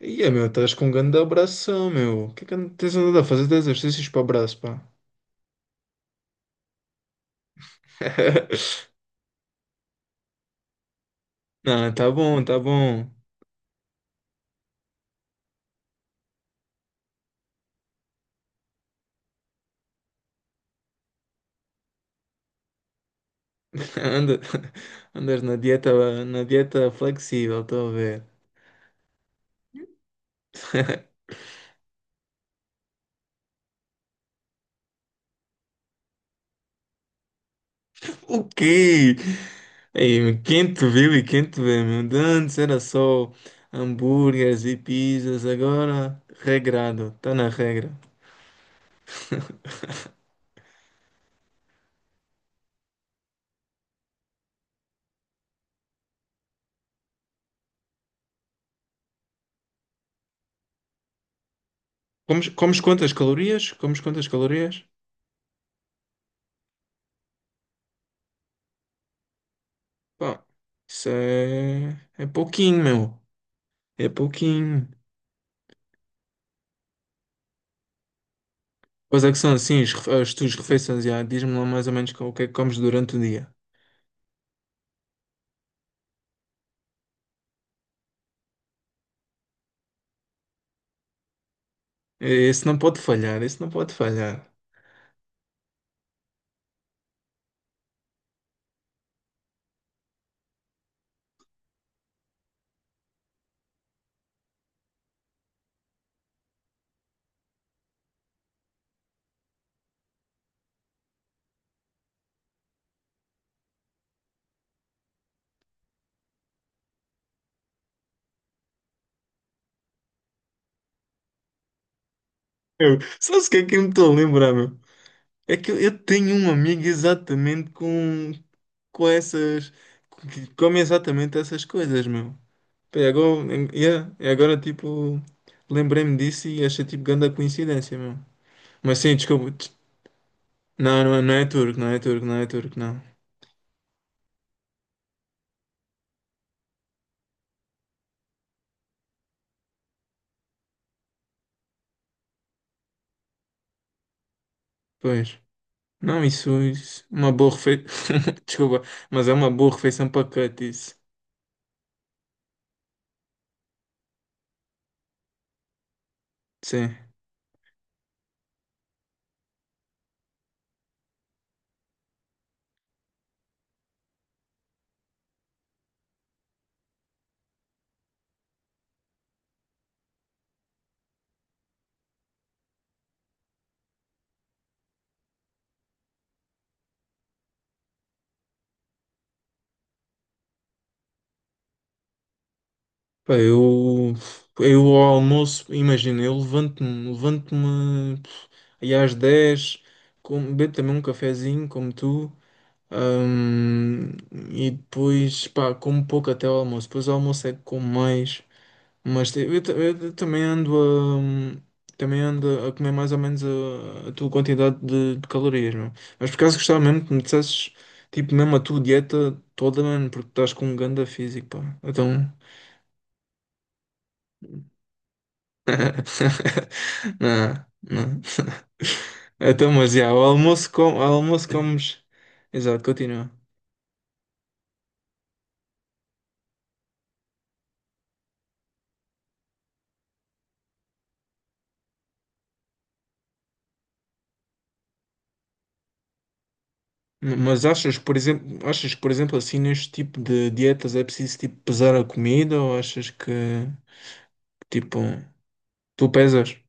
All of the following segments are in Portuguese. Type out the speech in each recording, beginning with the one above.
Ia, meu, estás com um grande abração, meu. O que é que tens andado a fazer de exercícios para o braço, pá? Não, tá bom, tá bom. Anda- Andas na dieta flexível, estou a ver. O quê? Ei, meu, quem te viu e quem te vê, meu? De antes era só hambúrgueres e pizzas, agora regrado, está na regra. Comes quantas calorias? Comes quantas calorias? Pá, isso é, é pouquinho, meu. É pouquinho. Pois é que são assim as tuas refeições, já. Diz-me lá mais ou menos o que é que comes durante o dia. Esse não pode falhar, esse não pode falhar. Eu, sabes o que é que eu me estou a lembrar, meu? É que eu tenho um amigo exatamente com essas. Que come exatamente essas coisas, meu. Pá, e agora, yeah, e agora tipo, lembrei-me disso e achei tipo grande a coincidência, meu. Mas sim, desculpa. Não, não, não é turco, não é turco, não é turco, não. Pois. Não, isso uma boa refeição. Desculpa, mas é uma boa refeição para cut isso. Sim. Pá, eu ao almoço, imagina, eu levanto-me pff, aí às 10 como, bebo também um cafezinho, como tu, hum, e depois, pá, como pouco até ao almoço. Depois ao almoço é que como mais. Mas eu, eu também ando a comer mais ou menos a tua quantidade de calorias, meu. Mas por acaso gostava mesmo que me dissesses, tipo, mesmo a tua dieta toda, mano, porque estás com um ganda físico, pá. Então. Não, não. Então, mas já, o almoço, com, o almoço comes. Exato, continua. Mas achas, por exemplo, achas que, por exemplo, assim, neste tipo de dietas é preciso, tipo, pesar a comida ou achas que, tipo, tu pesas?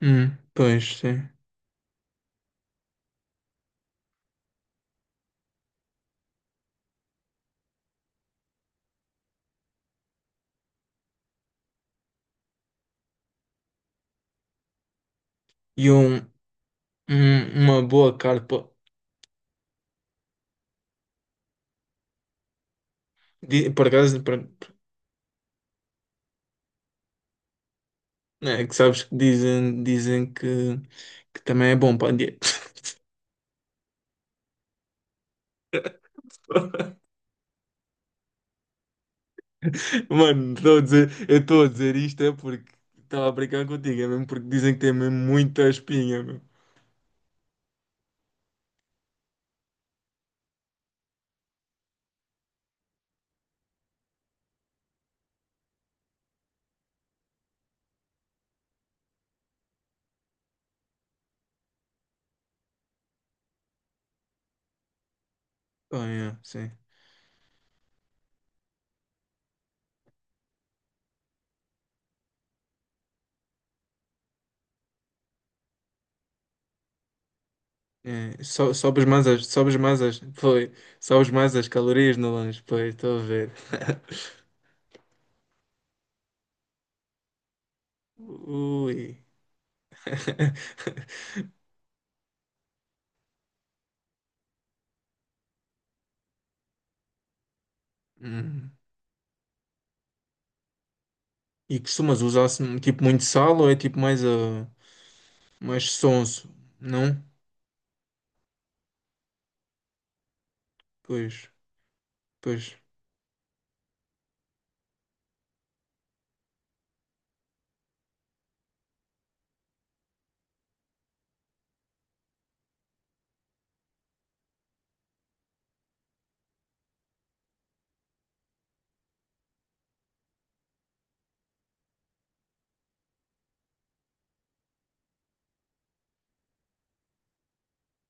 Pois, sim. E um, uma boa carpa. Por acaso, é que sabes que dizem, dizem que também é bom para a dieta. Mano, estou a dizer, eu estou a dizer isto é porque estava a brincar contigo, é mesmo porque dizem que tem mesmo muita espinha, meu. Oh, yeah, sim. É, sobes mais sobes mais as, foi, sobes mais as calorias no lanche, pois, estou a ver. Ui. Hum. E costumas usar-se tipo muito sal ou é tipo mais a mais sonso? Não? Pois, pois.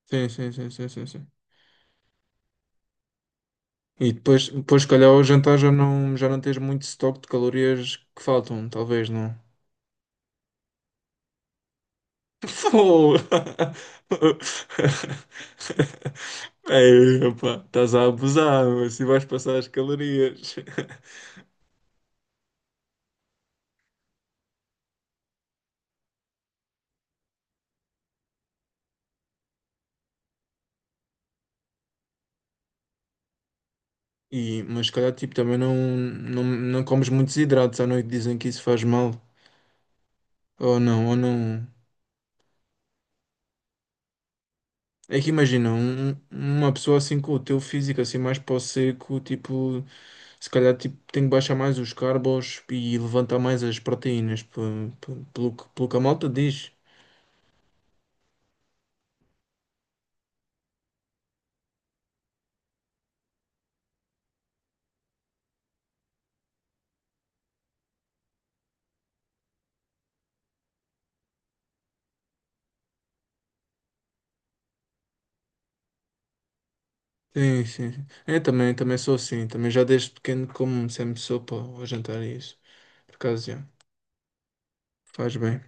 Sim, sim, sim, sim, sim, sim. E depois, depois, se calhar, ao jantar já não tens muito estoque de calorias que faltam, talvez, não? Pô! Ei, opa, estás a abusar, mas se vais passar as calorias. E, mas se calhar, tipo, também não, não, não comes muitos hidratos à noite, dizem que isso faz mal. Ou não, ou não. É que imagina, uma pessoa assim com o teu físico, assim mais para o seco, tipo, se calhar tipo, tem que baixar mais os carbos e levantar mais as proteínas, pelo, pelo que a malta diz. Sim, sim, sim. É, também, também sou assim, também já desde pequeno como sempre sopa ao jantar e isso. Por acaso, já, faz bem.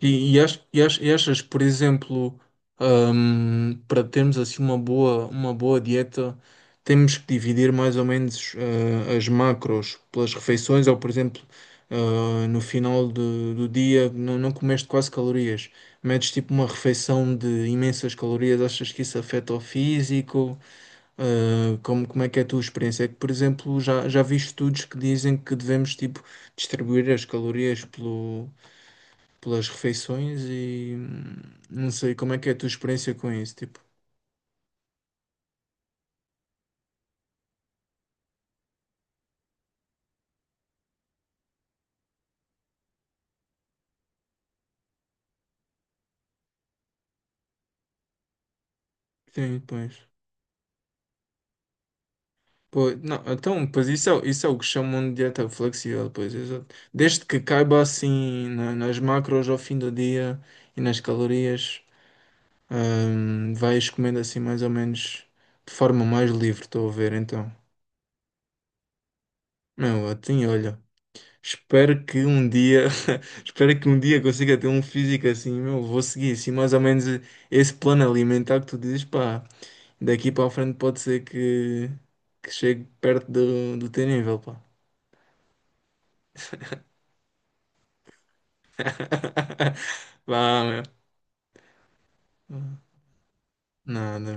E, e achas, por exemplo, para termos assim uma boa dieta, temos que dividir mais ou menos as macros pelas refeições, ou por exemplo, no final do, do dia não, não comeste quase calorias, metes tipo uma refeição de imensas calorias, achas que isso afeta o físico? Eh, como, como é que é a tua experiência? É que, por exemplo, já, já vi estudos que dizem que devemos tipo distribuir as calorias pelo pelas refeições e não sei como é que é a tua experiência com isso, tipo. Sim, pois. Pô, não, então, pois isso é o que chamam de dieta flexível, pois, exato. Desde que caiba assim nas macros ao fim do dia e nas calorias, vais comendo assim mais ou menos de forma mais livre, estou a ver, então. Meu, assim, olha, espero que um dia, espero que um dia consiga ter um físico assim, meu, vou seguir assim mais ou menos esse plano alimentar que tu dizes, pá. Daqui para a frente pode ser que chegue perto do, do teu nível, pá. Vá, meu. Nada.